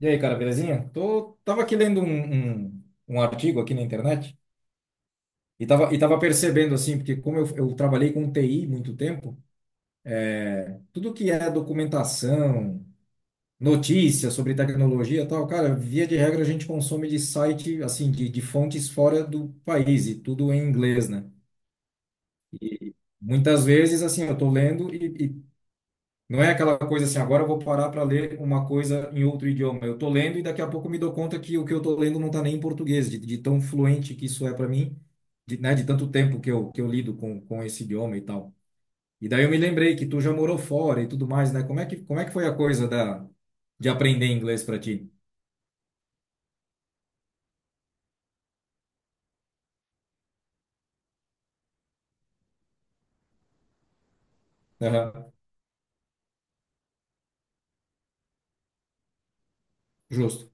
E aí, cara, belezinha? Tô, tava aqui lendo um artigo aqui na internet e tava, percebendo, assim, porque como eu trabalhei com TI muito tempo, tudo que é documentação, notícia sobre tecnologia e tal, cara, via de regra a gente consome de site, assim, de fontes fora do país e tudo em inglês, né? E muitas vezes, assim, eu tô lendo não é aquela coisa assim, agora eu vou parar para ler uma coisa em outro idioma. Eu estou lendo e daqui a pouco eu me dou conta que o que eu estou lendo não está nem em português, de tão fluente que isso é para mim, de, né, de tanto tempo que eu lido com esse idioma e tal. E daí eu me lembrei que tu já morou fora e tudo mais, né? Como é que foi a coisa da, de aprender inglês para ti? Aham. Justo.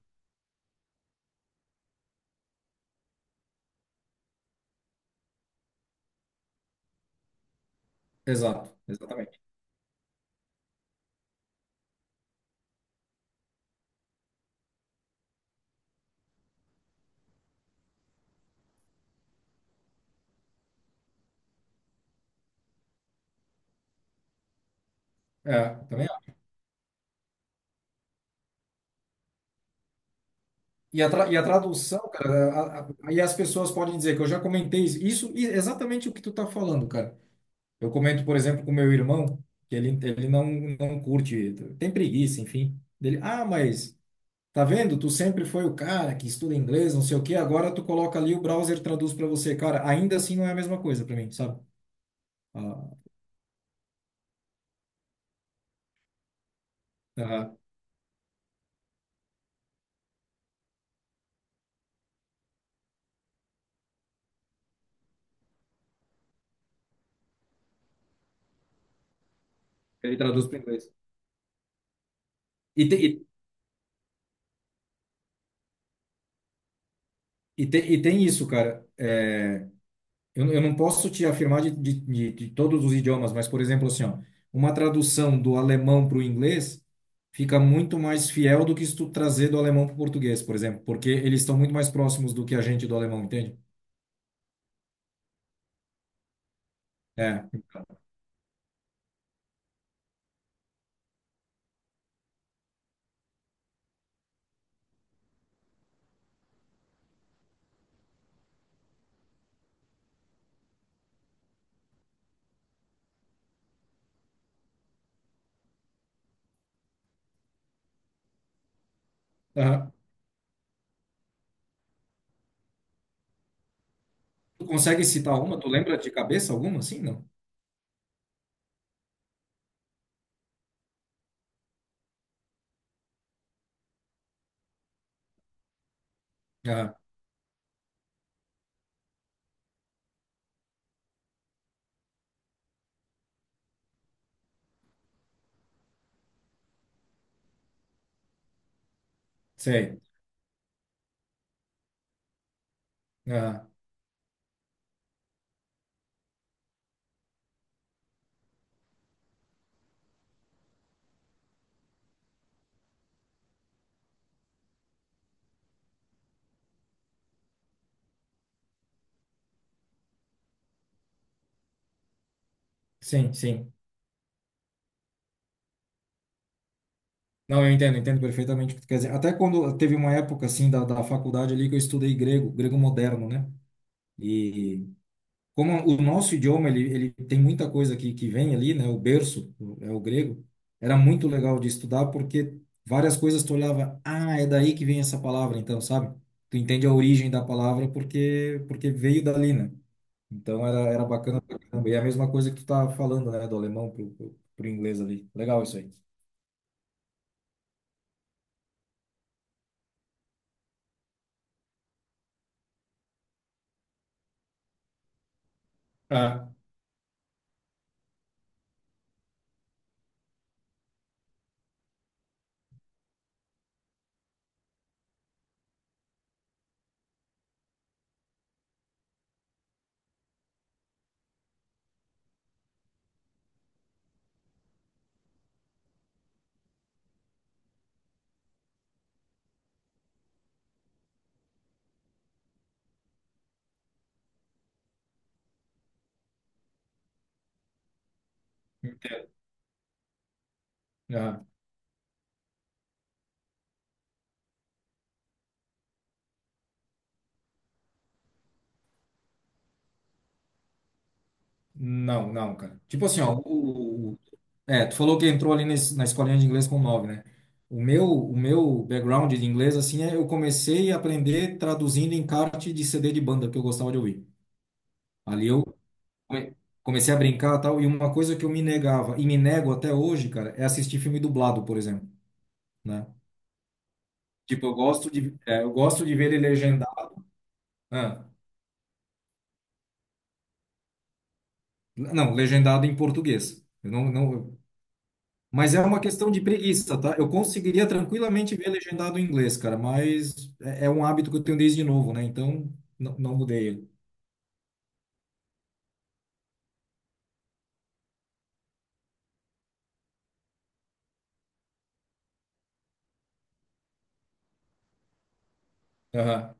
Exato, exatamente. É, também. Acho. E e a tradução, cara, e as pessoas podem dizer que eu já comentei isso e exatamente o que tu tá falando, cara. Eu comento, por exemplo, com meu irmão, que ele não não curte, tem preguiça, enfim. Dele, ah, mas tá vendo? Tu sempre foi o cara que estuda inglês, não sei o quê, agora tu coloca ali o browser traduz para você. Cara, ainda assim não é a mesma coisa para mim, sabe? Ah, ah, ele traduz para inglês. E, te, e, e tem isso, cara. É, eu não posso te afirmar de todos os idiomas, mas, por exemplo, assim, ó, uma tradução do alemão para o inglês fica muito mais fiel do que se tu trazer do alemão para o português, por exemplo, porque eles estão muito mais próximos do que a gente do alemão, entende? É. Aham. Tu consegue citar uma? Tu lembra de cabeça alguma? Sim, não? Ah, sei. Ah, sim, sim. Não, eu entendo, entendo perfeitamente o que tu quer dizer. Até quando teve uma época, assim, da faculdade ali que eu estudei grego, grego moderno, né? E como o nosso idioma ele tem muita coisa que vem ali, né? O berço é o grego. Era muito legal de estudar porque várias coisas tu olhava, ah, é daí que vem essa palavra, então, sabe? Tu entende a origem da palavra porque veio dali, né? Então era bacana pra caramba. E é a mesma coisa que tu tá falando, né? Do alemão pro inglês ali. Legal isso aí. Ah, entendo. Ah, não, não, cara. Tipo assim, ó, é, tu falou que entrou ali na escolinha de inglês com nove, né? O meu background de inglês, assim, é eu comecei a aprender traduzindo encarte de CD de banda que eu gostava de ouvir. Ali eu come- comecei a brincar e tal, e uma coisa que eu me negava, e me nego até hoje, cara, é assistir filme dublado, por exemplo, né? Tipo, eu gosto de, é, eu gosto de ver ele legendado. Ah, não, legendado em português. Eu não, não, mas é uma questão de preguiça, tá? Eu conseguiria tranquilamente ver legendado em inglês, cara, mas é um hábito que eu tenho desde novo, né? Então, não, não mudei ele. Aham.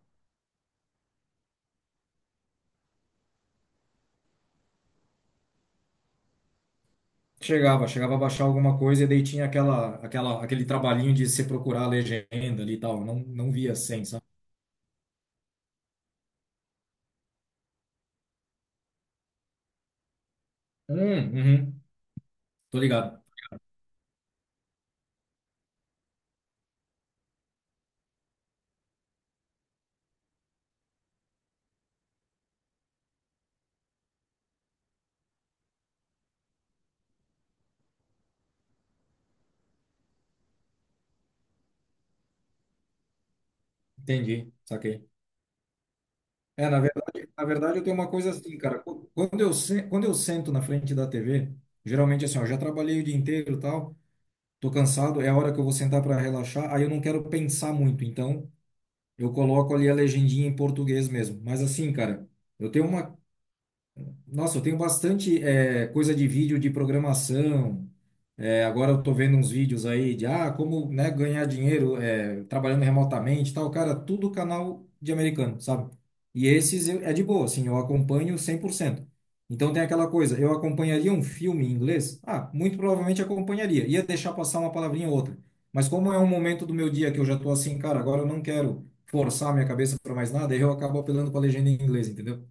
Chegava, chegava a baixar alguma coisa e daí tinha aquele trabalhinho de se procurar a legenda ali e tal. Não, não via sem, sabe? Uhum. Tô ligado. Entendi, saquei. É, na verdade eu tenho uma coisa assim, cara. Quando eu quando eu sento na frente da TV, geralmente assim, ó, eu já trabalhei o dia inteiro e tal. Tô cansado, é a hora que eu vou sentar para relaxar. Aí eu não quero pensar muito, então eu coloco ali a legendinha em português mesmo. Mas assim, cara, eu tenho uma nossa, eu tenho bastante coisa de vídeo de programação. Agora eu tô vendo uns vídeos aí de como, né, ganhar dinheiro trabalhando remotamente e tal. Cara, tudo canal de americano, sabe? E esses é de boa, assim, eu acompanho 100%. Então tem aquela coisa, eu acompanharia um filme em inglês? Ah, muito provavelmente acompanharia. Ia deixar passar uma palavrinha ou outra. Mas como é um momento do meu dia que eu já tô assim, cara, agora eu não quero forçar minha cabeça para mais nada, aí eu acabo apelando para legenda em inglês, entendeu?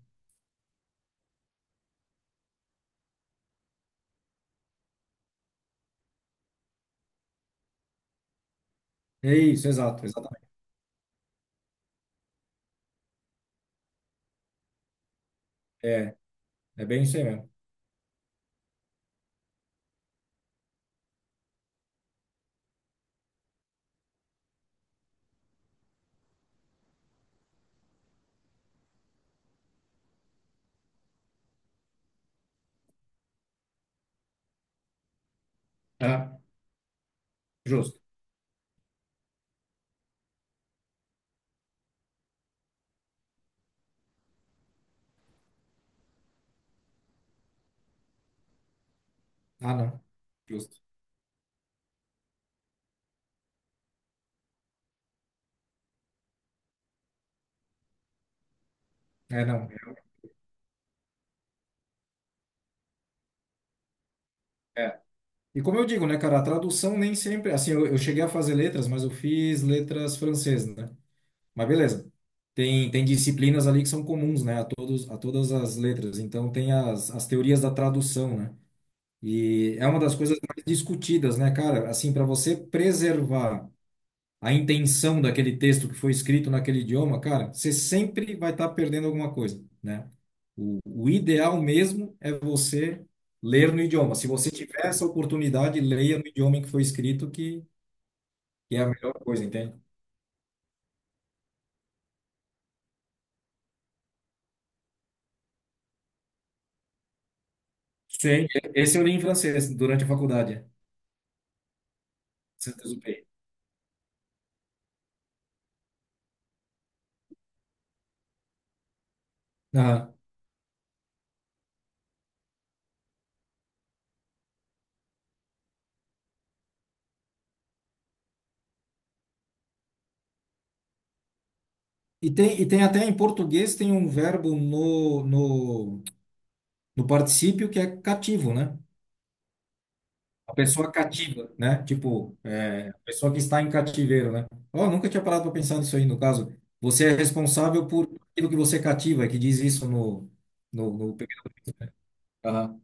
É isso, exato. Exatamente. É, é bem isso aí mesmo. Ah, justo. Ah, não. Justo. É, não. É. E como eu digo, né, cara, a tradução nem sempre. Assim, eu cheguei a fazer letras, mas eu fiz letras francesas, né? Mas beleza. Tem disciplinas ali que são comuns, né, a todos, a todas as letras. Então, tem as teorias da tradução, né? E é uma das coisas mais discutidas, né, cara? Assim, para você preservar a intenção daquele texto que foi escrito naquele idioma, cara, você sempre vai estar perdendo alguma coisa, né? O ideal mesmo é você ler no idioma. Se você tiver essa oportunidade, leia no idioma em que foi escrito, que é a melhor coisa, entende? Sim. Esse eu li em francês durante a faculdade. Saint-Exupéry. Aham. E tem até em português, tem um verbo no no particípio que é cativo, né? A pessoa cativa, né? Tipo, é, a pessoa que está em cativeiro, né? Ó, nunca tinha parado para pensar nisso aí, no caso. Você é responsável por aquilo que você cativa, que diz isso no... Aham,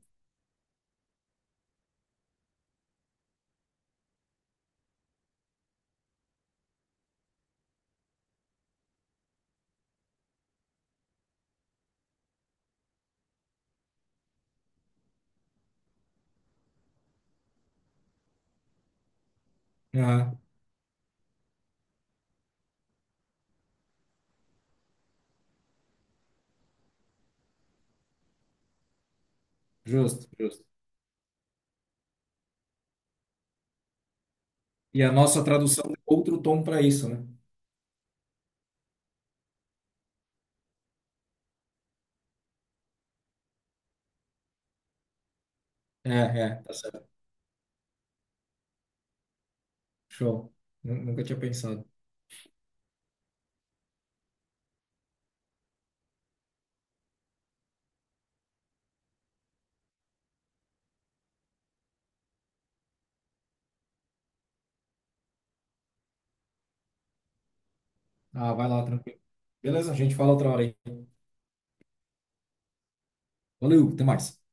aham, justo, justo. E a nossa tradução é outro tom para isso, né? É, é, tá certo. Show. Nunca tinha pensado. Ah, vai lá, tranquilo. Beleza, a gente fala outra hora aí. Valeu, até mais.